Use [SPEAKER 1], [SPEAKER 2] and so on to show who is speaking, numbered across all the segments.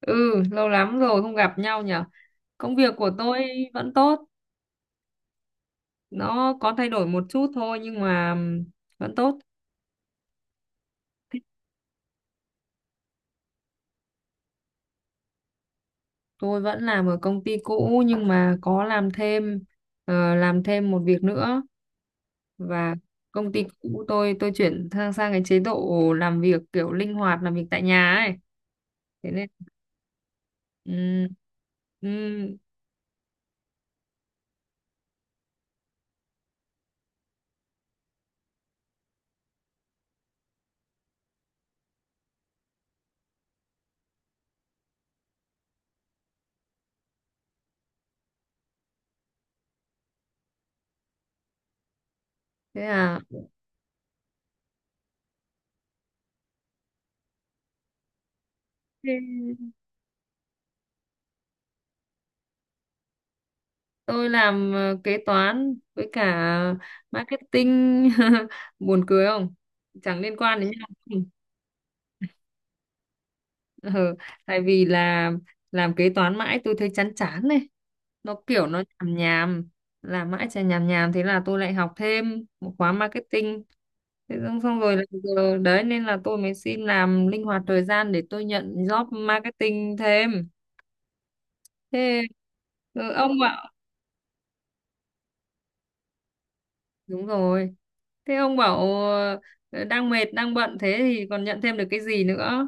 [SPEAKER 1] Ừ, lâu lắm rồi không gặp nhau nhở. Công việc của tôi vẫn tốt, nó có thay đổi một chút thôi nhưng mà vẫn tốt. Tôi vẫn làm ở công ty cũ nhưng mà có làm thêm một việc nữa, và công ty cũ tôi chuyển sang sang cái chế độ làm việc kiểu linh hoạt, làm việc tại nhà ấy. Thế nên ừm, ừm, thế à. Tôi làm kế toán với cả marketing buồn cười không, chẳng liên quan đến nhau. Ừ, tại vì là làm kế toán mãi tôi thấy chán chán này, nó kiểu nó nhàm nhàm, làm mãi chả nhàm nhàm, thế là tôi lại học thêm một khóa marketing, thế xong xong rồi là giờ đấy, nên là tôi mới xin làm linh hoạt thời gian để tôi nhận job marketing thêm thế, ông ạ. Đúng rồi. Thế ông bảo đang mệt, đang bận thế thì còn nhận thêm được cái gì nữa?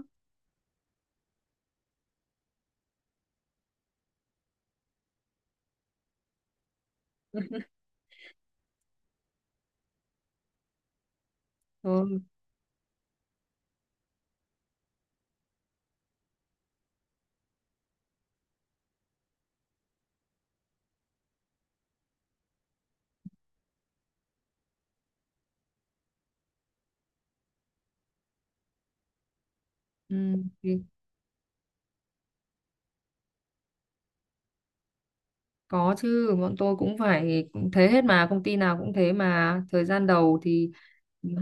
[SPEAKER 1] Thôi. Ừ, thì có chứ, bọn tôi cũng phải cũng thế hết mà, công ty nào cũng thế mà. Thời gian đầu thì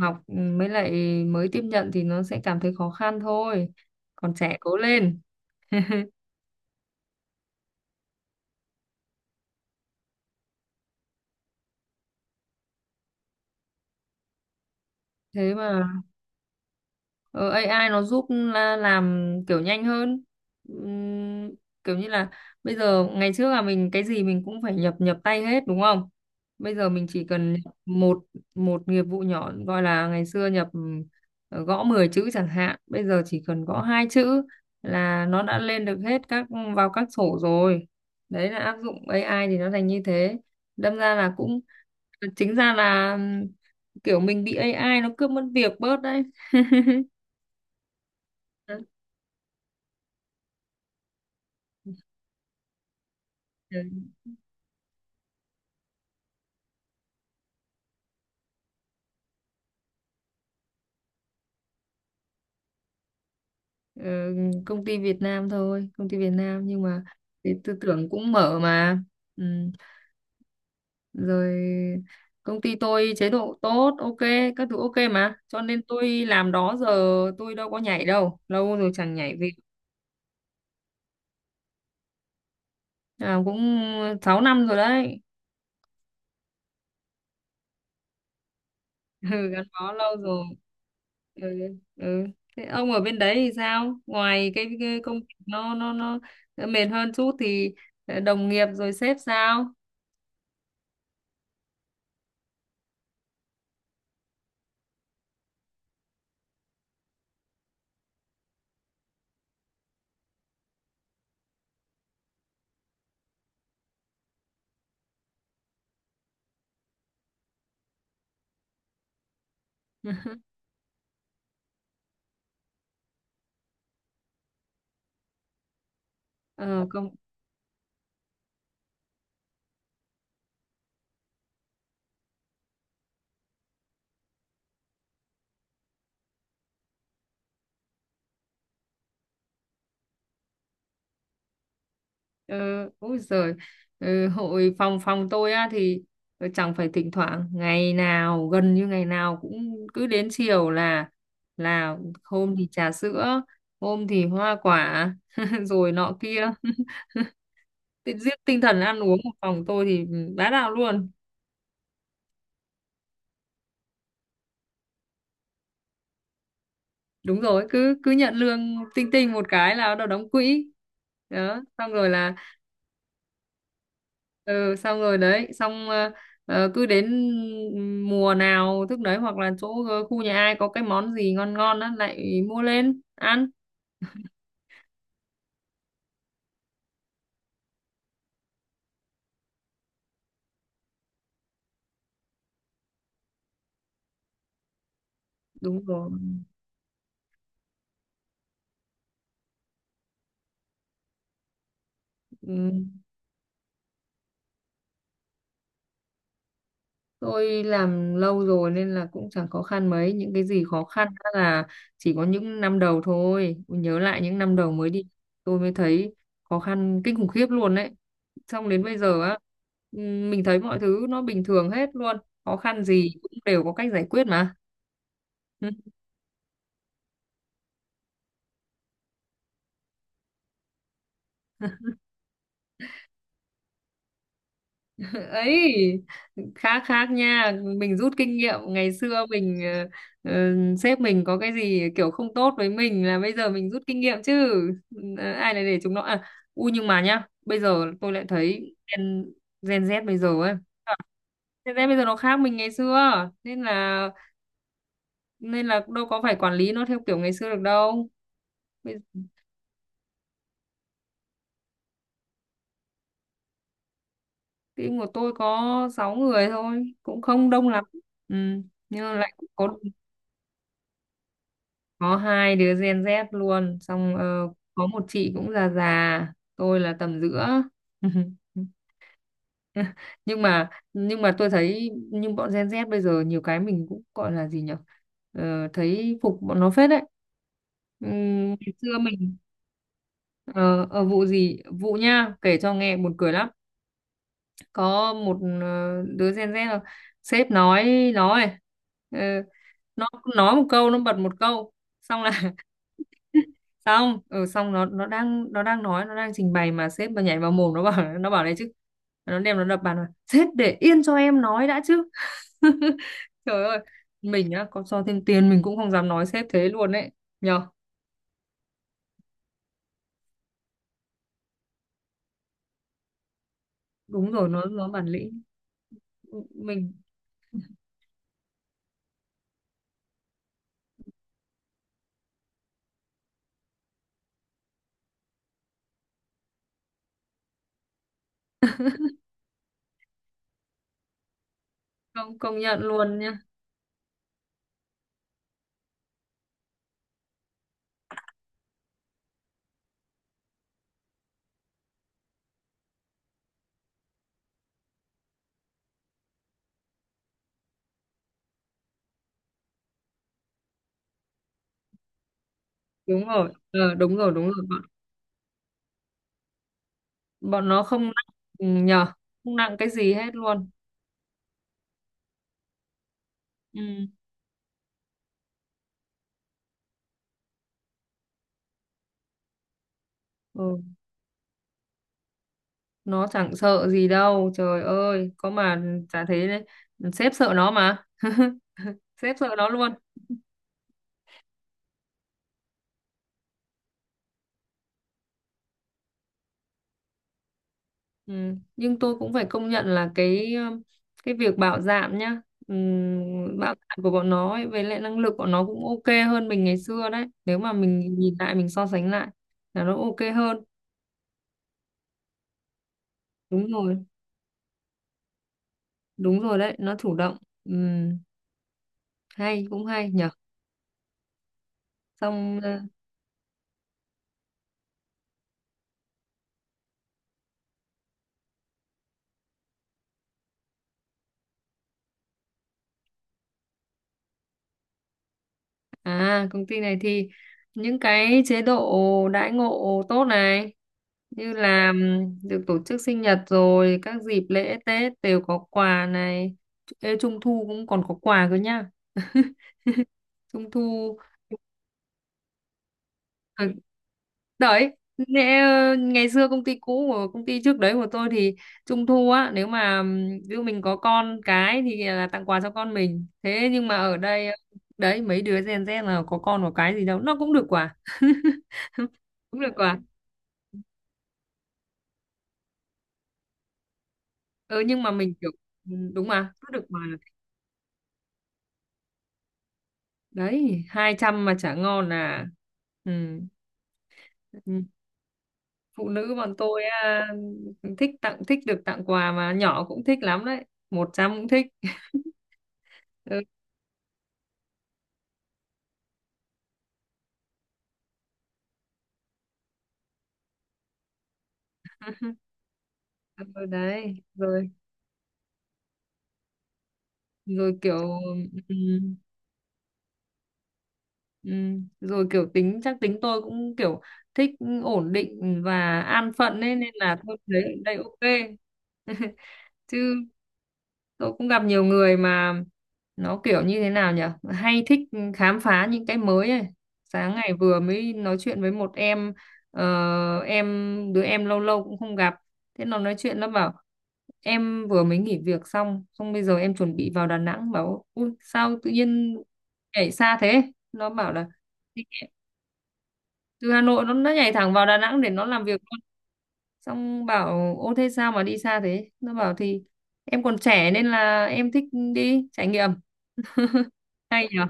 [SPEAKER 1] học, mới lại mới tiếp nhận thì nó sẽ cảm thấy khó khăn thôi. Còn trẻ cố lên. Thế mà. Ờ, AI nó giúp làm kiểu nhanh hơn. Ừm, Kiểu như là bây giờ ngày trước là mình cái gì mình cũng phải nhập nhập tay hết đúng không? Bây giờ mình chỉ cần nhập một một nghiệp vụ nhỏ, gọi là ngày xưa nhập gõ 10 chữ chẳng hạn, bây giờ chỉ cần gõ hai chữ là nó đã lên được hết vào các sổ rồi. Đấy là áp dụng AI thì nó thành như thế, đâm ra là cũng chính ra là kiểu mình bị AI nó cướp mất việc bớt đấy. Ừ. Ờ, Công ty Việt Nam thôi, công ty Việt Nam nhưng mà cái tư tưởng cũng mở mà. Ừ, rồi, công ty tôi chế độ tốt ok, các thứ ok mà, cho nên tôi làm đó giờ, tôi đâu có nhảy đâu, lâu rồi chẳng nhảy việc, làm cũng 6 năm rồi đấy. Ừ, gắn bó lâu rồi. Ừ, ừ. Thế ông ở bên đấy thì sao, ngoài cái, công việc nó mệt hơn chút thì đồng nghiệp rồi sếp sao? ờ, công ừ, Ôi giời, ừ, hội phòng phòng tôi á thì chẳng phải thỉnh thoảng, ngày nào gần như ngày nào cũng cứ đến chiều là là hôm thì trà sữa, hôm thì hoa quả rồi nọ kia. Tự giết tinh thần ăn uống của phòng tôi thì bá đạo luôn. Đúng rồi, cứ cứ nhận lương tinh tinh một cái là nó đóng quỹ đó, xong rồi là ừ xong rồi đấy, xong cứ đến mùa nào thức đấy, hoặc là chỗ khu nhà ai có cái món gì ngon ngon á lại mua lên ăn. Đúng rồi. Ừ. Tôi làm lâu rồi nên là cũng chẳng khó khăn mấy, những cái gì khó khăn á là chỉ có những năm đầu thôi, nhớ lại những năm đầu mới đi tôi mới thấy khó khăn kinh khủng khiếp luôn đấy, xong đến bây giờ á ừ, mình thấy mọi thứ nó bình thường hết luôn, khó khăn gì cũng đều có cách giải quyết mà. Ừ. Ấy, khác khác nha, mình rút kinh nghiệm ngày xưa mình ờ, sếp mình có cái gì kiểu không tốt với mình là bây giờ mình rút kinh nghiệm chứ. Ờ, ai lại để chúng nó, à, nhưng mà nhá, bây giờ tôi lại thấy Gen Z bây giờ ấy, Gen Z bây giờ nó khác mình ngày xưa, nên là nên là đâu có phải quản lý nó theo kiểu ngày xưa được đâu bây team của tôi có 6 người thôi, cũng không đông lắm. Ừ, nhưng mà lại có hai đứa Gen Z luôn, xong có một chị cũng già già, tôi là tầm giữa. Nhưng mà tôi thấy, nhưng bọn Gen Z bây giờ nhiều cái mình cũng gọi là gì nhở? Ờ, thấy phục bọn nó phết đấy. Ngày xưa mình. Ờ, Vụ gì, vụ nha, kể cho nghe buồn cười lắm, có một đứa Gen Z là, sếp nói ờ, nó nói một câu, nó bật một câu xong là, xong xong nó đang nói, nó đang trình bày mà sếp mà nhảy vào mồm nó, bảo, này chứ, nó đập bàn, là sếp để yên cho em nói đã chứ. Trời ơi, mình á có cho thêm tiền mình cũng không dám nói sếp thế luôn ấy nhờ. Đúng rồi, nó bản lĩnh. Mình không công nhận luôn nhá. Đúng rồi, đúng rồi, đúng rồi, bọn nó không nặng, ừ, nhờ, không nặng cái gì hết luôn. Ừ. Ừ. Nó chẳng sợ gì đâu, trời ơi có mà, chả thế đấy, sếp sợ nó mà, sếp sợ nó luôn. Ừ. Nhưng tôi cũng phải công nhận là cái việc bạo dạn nhá, bạo dạn của bọn nó ấy, với lại năng lực của nó cũng ok hơn mình ngày xưa đấy, nếu mà mình nhìn lại mình so sánh lại là nó ok hơn. Đúng rồi, đúng rồi đấy, nó chủ động. Ừm, Hay, cũng hay nhở, xong. Ờ, À, công ty này thì những cái chế độ đãi ngộ tốt này, như là được tổ chức sinh nhật, rồi các dịp lễ Tết đều có quà này. Ê, Trung thu cũng còn có quà cơ nhá. Trung thu. Ừ, đấy, ngày xưa công ty cũ, của công ty trước đấy của tôi thì trung thu á, nếu mà ví dụ mình có con cái thì là tặng quà cho con mình, thế nhưng mà ở đây đấy mấy đứa Gen Z là có con có cái gì đâu, nó cũng được quà. Cũng được quà. Ừ, nhưng mà mình kiểu, ừ, đúng, mà cứ được quà thích. Đấy, 200 mà chả ngon à. Ừ. Ừ. Phụ nữ bọn tôi à, thích được tặng quà mà, nhỏ cũng thích lắm đấy, 100 cũng thích. Ừ, ừ, đấy rồi, rồi kiểu, ừ, ừ, rồi kiểu, tính tôi cũng kiểu thích ổn định và an phận ấy, nên là tôi thấy ở đây ok. Chứ tôi cũng gặp nhiều người mà nó kiểu như thế nào nhỉ, hay thích khám phá những cái mới ấy. Sáng ngày vừa mới nói chuyện với một em, ờ, em đứa em lâu lâu cũng không gặp, thế nó nói chuyện nó bảo em vừa mới nghỉ việc xong, xong bây giờ em chuẩn bị vào Đà Nẵng, bảo ui sao tự nhiên nhảy xa thế, nó bảo là từ Hà Nội nó nhảy thẳng vào Đà Nẵng để nó làm việc luôn, xong bảo ô thế sao mà đi xa thế, nó bảo thì em còn trẻ nên là em thích đi trải nghiệm. Hay nhở,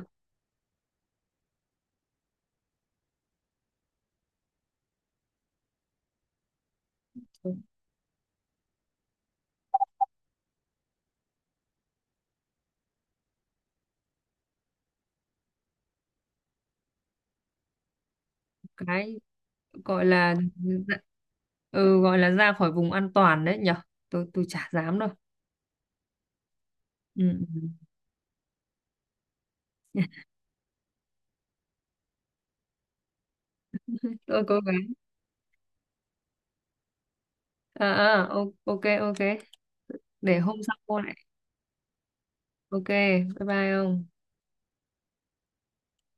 [SPEAKER 1] cái gọi là ừ, gọi là ra khỏi vùng an toàn đấy nhở, tôi chả dám đâu. Ừ. Ừ. Tôi cố gắng. Ok, ok, để hôm sau cô lại ok, bye bye ông.